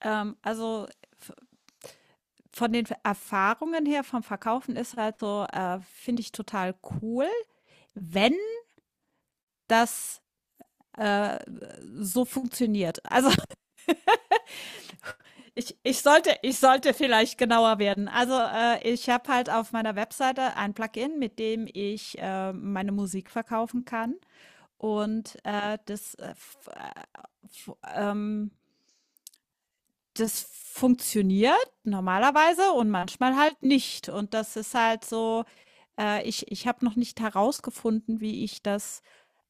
Also v von den Erfahrungen her vom Verkaufen ist halt so, finde ich total cool, wenn das äh, so funktioniert. Also ich sollte vielleicht genauer werden. Also ich habe halt auf meiner Webseite ein Plugin, mit dem ich meine Musik verkaufen kann, und f- ähm, das funktioniert normalerweise und manchmal halt nicht. Und das ist halt so. Ich habe noch nicht herausgefunden, wie ich das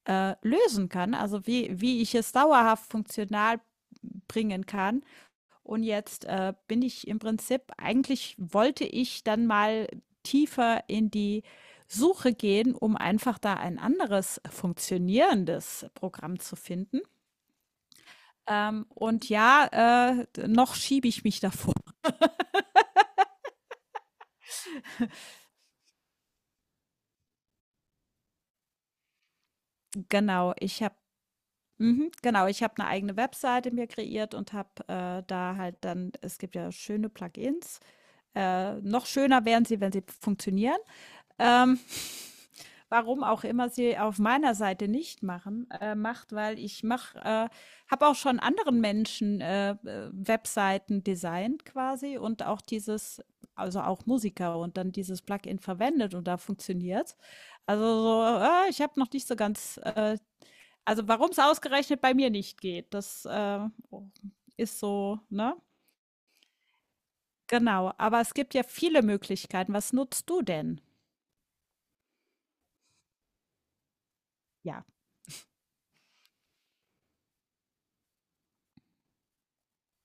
lösen kann, also wie ich es dauerhaft funktional bringen kann. Und jetzt bin ich im Prinzip, eigentlich wollte ich dann mal tiefer in die Suche gehen, um einfach da ein anderes funktionierendes Programm zu finden. Und ja, noch schiebe ich mich davor. Genau, ich habe, mhm, genau, ich habe eine eigene Webseite mir kreiert und habe, da halt, dann es gibt ja schöne Plugins. Noch schöner wären sie, wenn sie funktionieren. Ähm, warum auch immer sie auf meiner Seite nicht machen, macht, weil ich mach, habe auch schon anderen Menschen Webseiten designt quasi, und auch dieses, also auch Musiker, und dann dieses Plugin verwendet, und da funktioniert. Also so, ah, ich habe noch nicht so ganz, also warum es ausgerechnet bei mir nicht geht, das ist so, ne? Genau, aber es gibt ja viele Möglichkeiten. Was nutzt du denn? Ja.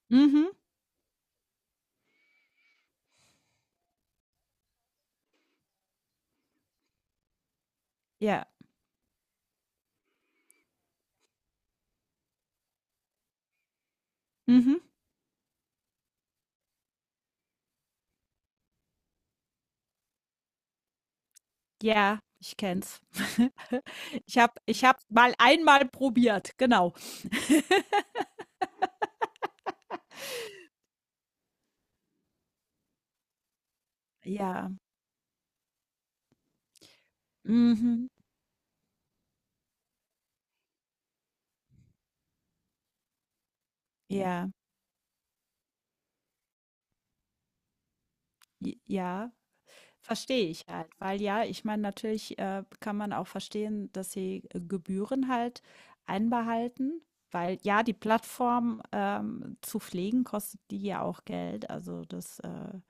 Mhm. Ja. Mhm. Ja, ich kenn's. Ich habe, ich hab mal einmal probiert, genau. Ja. Mhm. Ja. J ja. Verstehe ich halt, weil ja, ich meine, natürlich kann man auch verstehen, dass sie Gebühren halt einbehalten, weil ja, die Plattform, zu pflegen kostet die ja auch Geld, also das,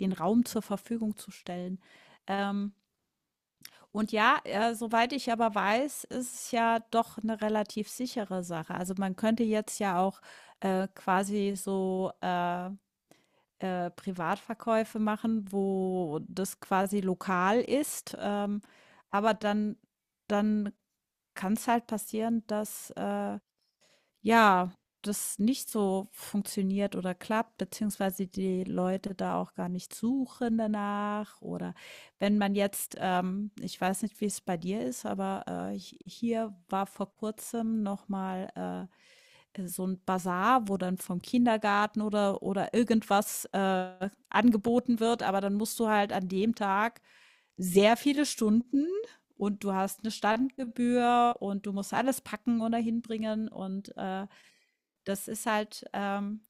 den Raum zur Verfügung zu stellen. Ähm, und ja, soweit ich aber weiß, ist es ja doch eine relativ sichere Sache. Also man könnte jetzt ja auch quasi so Privatverkäufe machen, wo das quasi lokal ist. Aber dann kann es halt passieren, dass ja, das nicht so funktioniert oder klappt, beziehungsweise die Leute da auch gar nicht suchen danach. Oder wenn man jetzt, ich weiß nicht, wie es bei dir ist, aber hier war vor kurzem nochmal so ein Basar, wo dann vom Kindergarten oder irgendwas angeboten wird, aber dann musst du halt an dem Tag sehr viele Stunden, und du hast eine Standgebühr, und du musst alles packen oder hinbringen und das ist halt,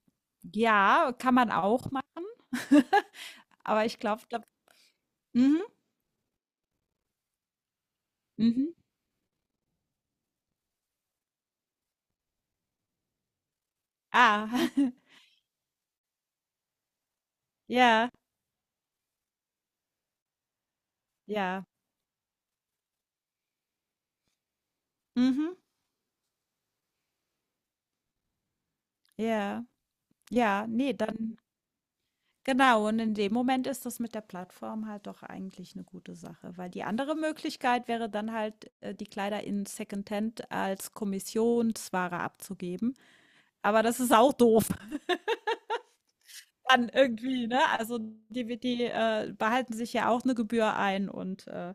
ja, kann man auch machen. Aber ich glaube, da mhm, mhm. Ah, ja, ja. Mhm, ja. Ja, nee, dann genau. Und in dem Moment ist das mit der Plattform halt doch eigentlich eine gute Sache, weil die andere Möglichkeit wäre dann halt, die Kleider in Secondhand als Kommissionsware abzugeben. Aber das ist auch doof dann irgendwie, ne? Also, die behalten sich ja auch eine Gebühr ein, und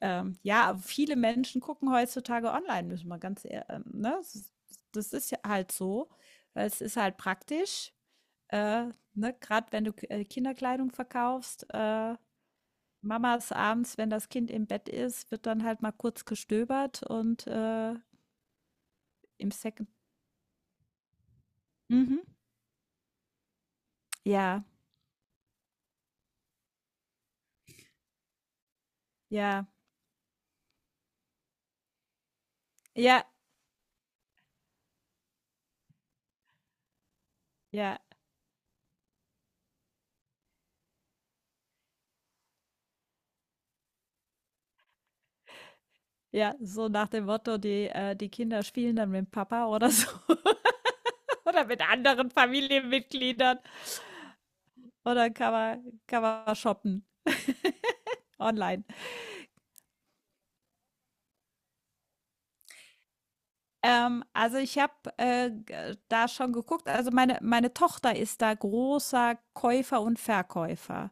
Ja, viele Menschen gucken heutzutage online, müssen wir ganz ehrlich, ne? Das ist ja halt so, weil es ist halt praktisch, äh, ne? Gerade wenn du Kinderkleidung verkaufst, Mamas abends, wenn das Kind im Bett ist, wird dann halt mal kurz gestöbert und im Second. Mhm. Ja, ja, ja, ja, ja, so nach dem Motto, die Kinder spielen dann mit Papa oder so oder mit anderen Familienmitgliedern. Oder kann man shoppen online. Also ich habe da schon geguckt. Also meine Tochter ist da großer Käufer und Verkäufer.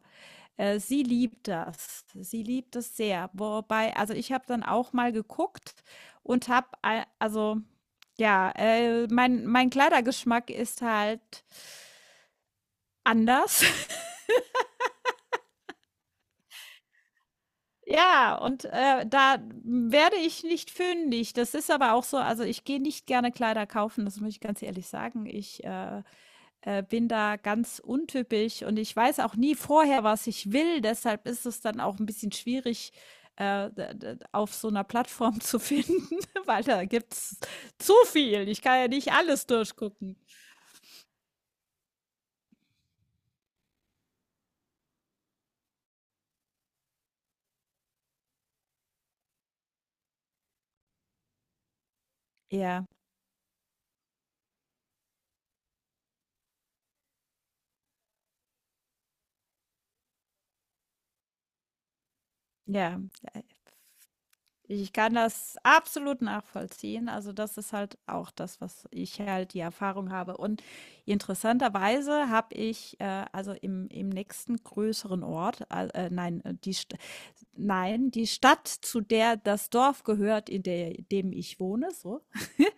Sie liebt das. Sie liebt es sehr. Wobei, also ich habe dann auch mal geguckt und habe, also ja, mein Kleidergeschmack ist halt anders. Ja, und da werde ich nicht fündig. Das ist aber auch so, also ich gehe nicht gerne Kleider kaufen, das muss ich ganz ehrlich sagen. Ich bin da ganz untypisch, und ich weiß auch nie vorher, was ich will. Deshalb ist es dann auch ein bisschen schwierig, d d auf so einer Plattform zu finden, weil da gibt's zu viel. Ich kann ja nicht alles durchgucken. Ja, ja, äh ich kann das absolut nachvollziehen. Also, das ist halt auch das, was ich halt die Erfahrung habe. Und interessanterweise habe ich, äh, also im nächsten größeren Ort, nein, die Stadt, zu der das Dorf gehört, in dem ich wohne, so,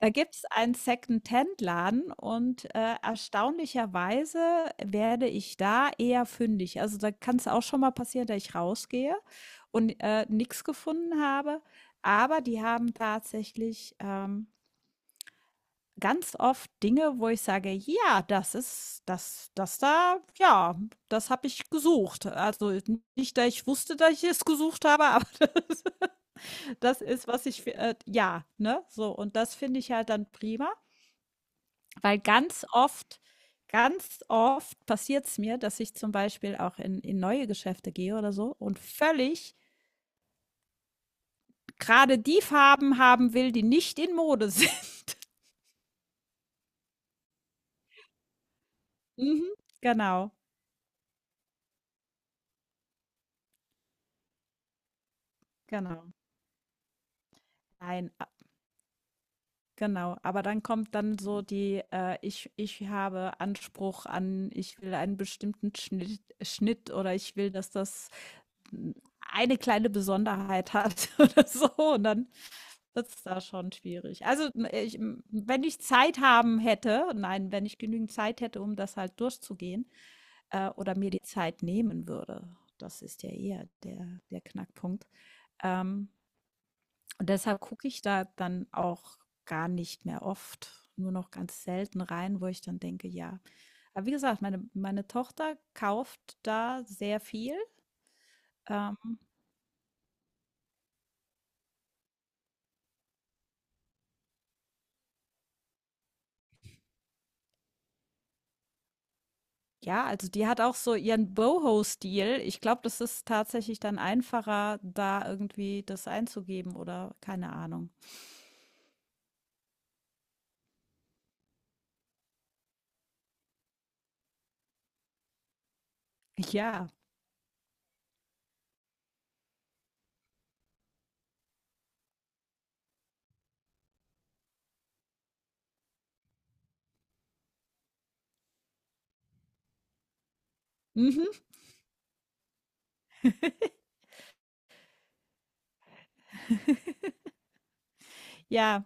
da gibt's einen Secondhand-Laden, und erstaunlicherweise werde ich da eher fündig. Also, da kann es auch schon mal passieren, dass ich rausgehe und nix gefunden habe. Aber die haben tatsächlich, ganz oft Dinge, wo ich sage: „Ja, das ist das das da ja, das habe ich gesucht.“ Also, nicht, dass ich wusste, dass ich es gesucht habe, aber das das ist, was ich ja, ne, so. Und das finde ich halt dann prima. Weil ganz oft passiert es mir, dass ich zum Beispiel auch in neue Geschäfte gehe oder so, und völlig gerade die Farben haben will, die nicht in Mode sind. Mhm. Genau, genau. Nein, genau. Aber dann kommt dann so die, äh, ich habe Anspruch an, ich will einen bestimmten Schnitt, oder ich will, dass das n- eine kleine Besonderheit hat oder so. Und dann das ist da schon schwierig. Also, wenn ich Zeit haben hätte, nein, wenn ich genügend Zeit hätte, um das halt durchzugehen, oder mir die Zeit nehmen würde, das ist ja eher der Knackpunkt. Ähm, und deshalb gucke ich da dann auch gar nicht mehr oft, nur noch ganz selten rein, wo ich dann denke, ja. Aber wie gesagt, meine Tochter kauft da sehr viel. Ähm, Ja, also die hat auch so ihren Boho-Stil. Ich glaube, das ist tatsächlich dann einfacher, da irgendwie das einzugeben, oder keine Ahnung. Ja. Mhm. Ja.